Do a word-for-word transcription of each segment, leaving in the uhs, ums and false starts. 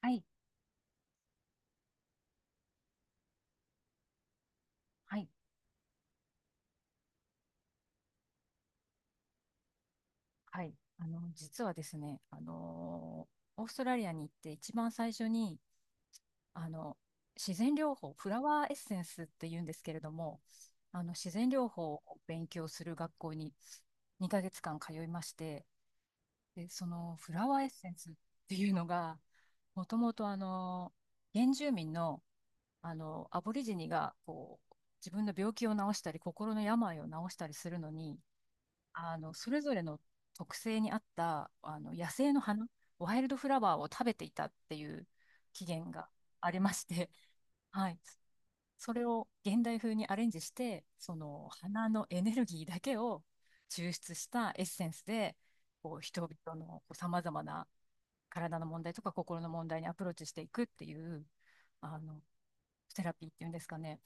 はい、はい、はい。あの、実はですね、あのーオーストラリアに行って一番最初に、あの、自然療法、フラワーエッセンスって言うんですけれども、あの、自然療法を勉強する学校ににかげつかん通いまして、で、そのフラワーエッセンスっていうのが、もともとあの、原住民の、あの、アボリジニが、こう、自分の病気を治したり、心の病を治したりするのに、あの、それぞれの特性に合った、あの、野生の花、ワイルドフラワーを食べていたっていう起源がありまして、はい。それを現代風にアレンジして、その花のエネルギーだけを抽出したエッセンスで、こう、人々のさまざまな体の問題とか心の問題にアプローチしていくっていう、あの、セラピーっていうんですかね、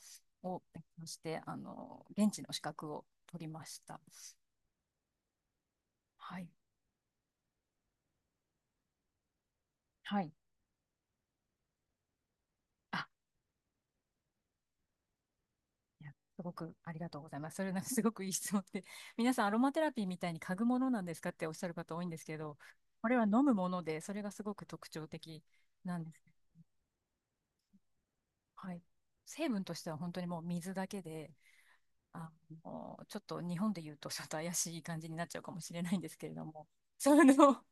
を勉強して、あの、現地の資格を取りました。はい。はい。あ、いや、すごくありがとうございます。それなんかすごくいい質問で、皆さんアロマテラピーみたいに嗅ぐものなんですかっておっしゃる方多いんですけど、これは飲むもので、それがすごく特徴的なんですね。はい。成分としては本当にもう水だけで、あの、ちょっと日本で言うと ちょっと怪しい感じになっちゃうかもしれないんですけれども、その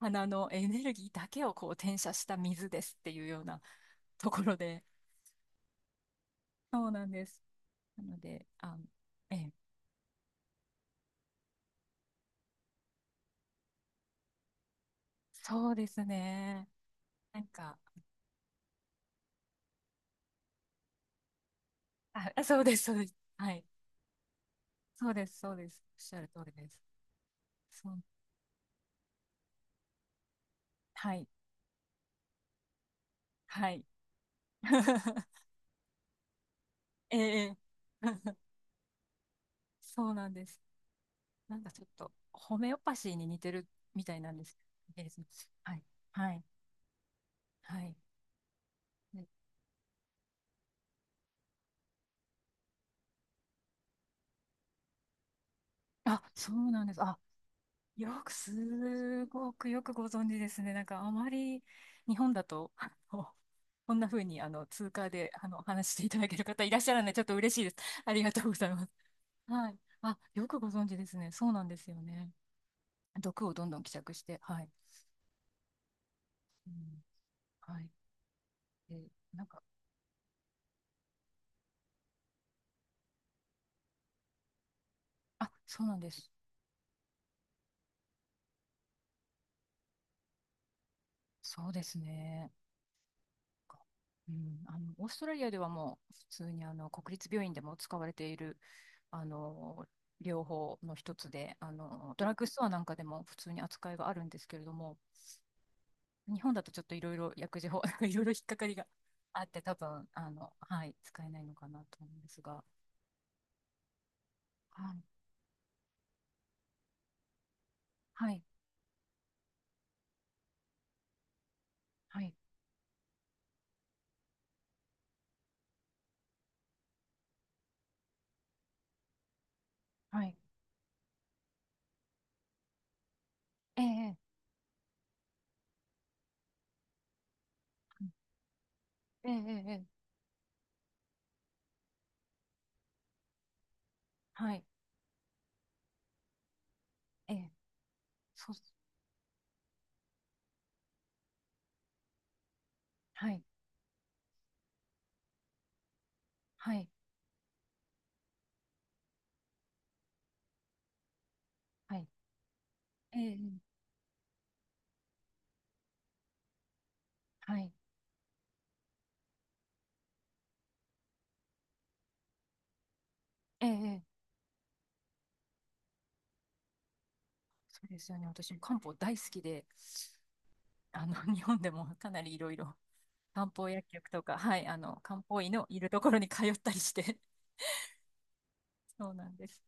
花 のエネルギーだけをこう転写した水ですっていうようなところで、そうなんです。なので、あの、ええ、そうですね。なんか、はい、あ、あそうです、そうです。はい。そうです、そうです。おっしゃる通りです。そう、はい、はい。ええ。 そうなんです。なんかちょっと、ホメオパシーに似てるみたいなんです。いいですね。はい、はい、はい。で、あ、そうなんです。あ、よく、すごくよくご存知ですね。なんか、あまり日本だと、あのこんな風に、あの、通貨で、あの、お話ししていただける方いらっしゃらない。ちょっと嬉しいです。ありがとうございます。はい。あ、よくご存知ですね。そうなんですよね。毒をどんどん希釈して、はい。うん、はい。で、なんか、あ、そうなんです。そうですね。か、うん、あの、オーストラリアではもう、普通にあの国立病院でも使われている、あの、療法の一つで、あの、ドラッグストアなんかでも普通に扱いがあるんですけれども、日本だとちょっといろいろ薬事法、いろいろ引っかかりがあって、多分、あの、はい、使えないのかなと思うんですが、はい、はい、はい。はい、ええ、ええ、ええ、ええ、はい、ええ、そう、はい、はい、はい、ええ、はい、ええ、そうですよね。私も漢方大好きで、あの、日本でもかなりいろいろ漢方薬局とか、はい、あの、漢方医のいるところに通ったりして、そうなんです。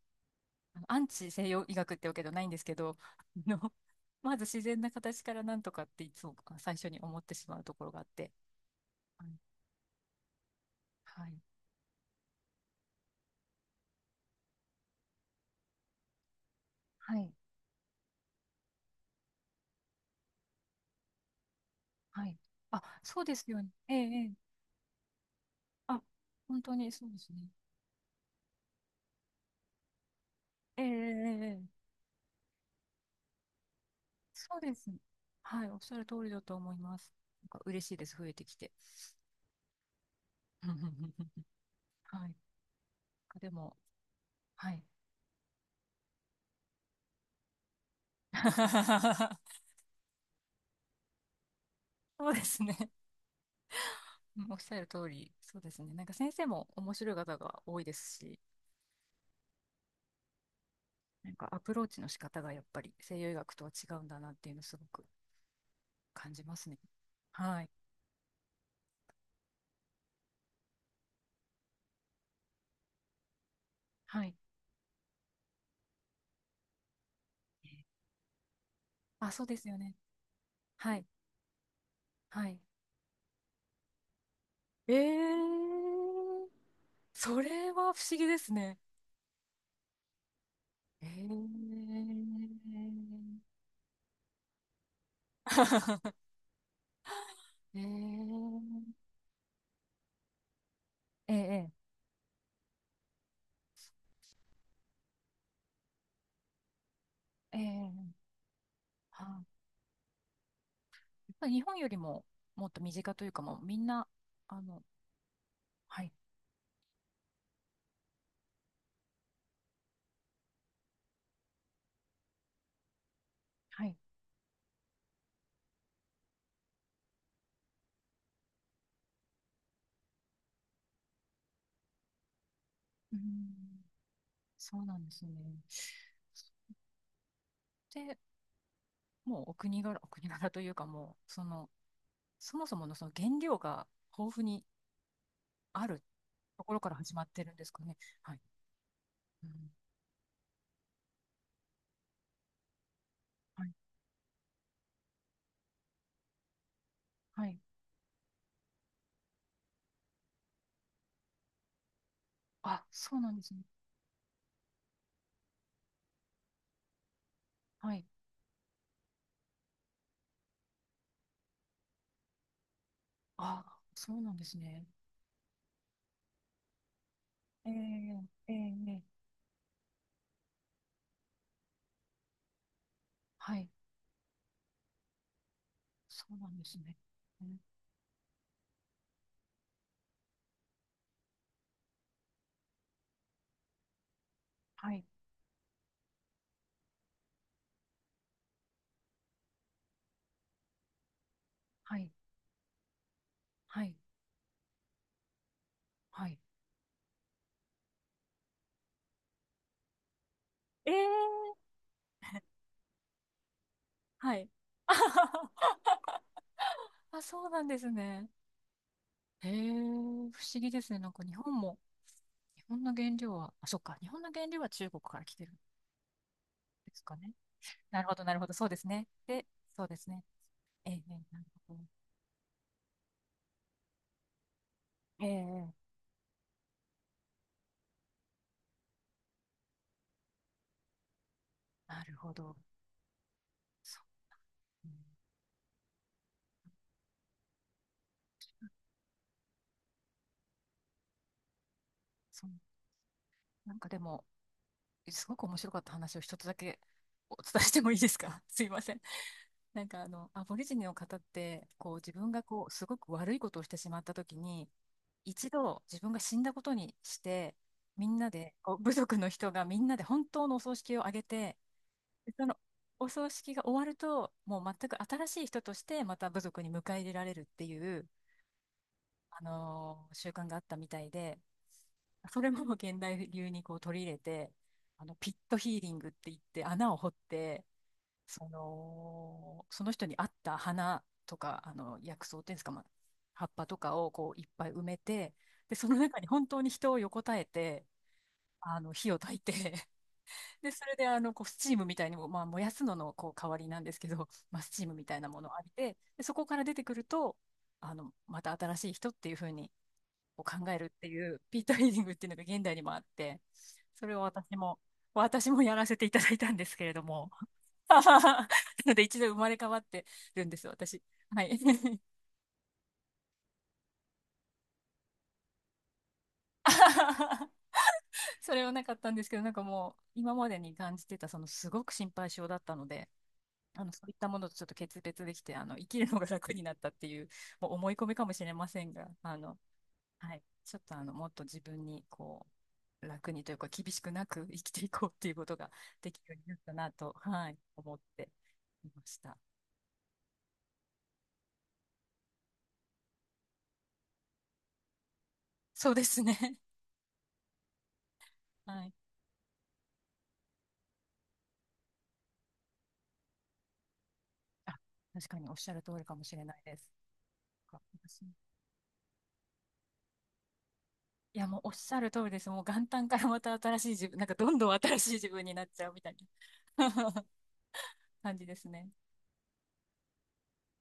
あの、アンチ西洋医学ってわけじゃないんですけど、あの、まず自然な形からなんとかっていつも最初に思ってしまうところがあって、はい、はい、はい、はい。あ、そうですよね。ええ、え、あ、本当にそうですね。ええ、ええ、ええ、そうですね。はい、おっしゃる通りだと思います。なんか嬉しいです、増えてきて。はい。でも、はい。そうですね。うん、おっしゃる通り、そうですね。なんか先生も面白い方が多いですし、なんかアプローチの仕方がやっぱり西洋医学とは違うんだなっていうのをすごく感じますね。はい。はい。あ、そうですよね。はい。はい。ええ、それは不思議ですね。えー。 えー、ええ、ええ、ええ、はい。やっぱり日本よりももっと身近というか、もうみんな、あの、はい、はい、うん、そうなんですね。で、もうお国柄、お国柄というか、もう、その、そもそものその原料が豊富にあるところから始まってるんですかね。はい。うん、はい、はい。あ、そうなんですね。はい。あ、そうなんですね。ええ、ええ、ええ、はい、そうなんですね。うん、はい、はい、はい、はい。ええ、はい。あはは、あ、そうなんですね。ええ、不思議ですね。なんか日本も、日本の原料は、あ、そっか、日本の原料は中国から来てるんですかね。なるほど、なるほど、そうですね。で、そうですね。ええ、ええ、なるほど。ええ、なるほど。そう、うん、そう、なんかでも、すごく面白かった話を一つだけお伝えしてもいいですか？ すいません。なんかあの、アボリジニの方って、こう自分がこう、すごく悪いことをしてしまった時に、一度自分が死んだことにして、みんなで、こう部族の人がみんなで本当のお葬式をあげて、そのお葬式が終わると、もう全く新しい人としてまた部族に迎え入れられるっていう、あのー習慣があったみたいで、それも現代流にこう取り入れて、あのピットヒーリングって言って穴を掘って、その、その人に合った花とか、あの薬草っていうんですか、まあ、葉っぱとかをこういっぱい埋めて、で、その中に本当に人を横たえて、あの火を焚いて で、それであのこうスチームみたいにも、まあ、燃やすののこう代わりなんですけど、まあ、スチームみたいなものを浴びて、で、そこから出てくると、あのまた新しい人っていう風にを考えるっていうピートリーディングっていうのが現代にもあって、それを私も、私もやらせていただいたんですけれども。 なので一度生まれ変わってるんです、私。はい。 それはなかったんですけど、なんかもう今までに感じてたそのすごく心配性だったので、あのそういったものとちょっと決別できて、あの生きるのが楽になったっていう、もう思い込みかもしれませんが、あのはい、ちょっとあのもっと自分にこう楽にというか厳しくなく 生きていこうっていうことができるようになったなと、はい、思っていました。そうですね。はい。あ、確かにおっしゃる通りかもしれないです。か、私、いや、もうおっしゃる通りです。もう元旦からまた新しい自分、なんかどんどん新しい自分になっちゃうみたいな 感じですね。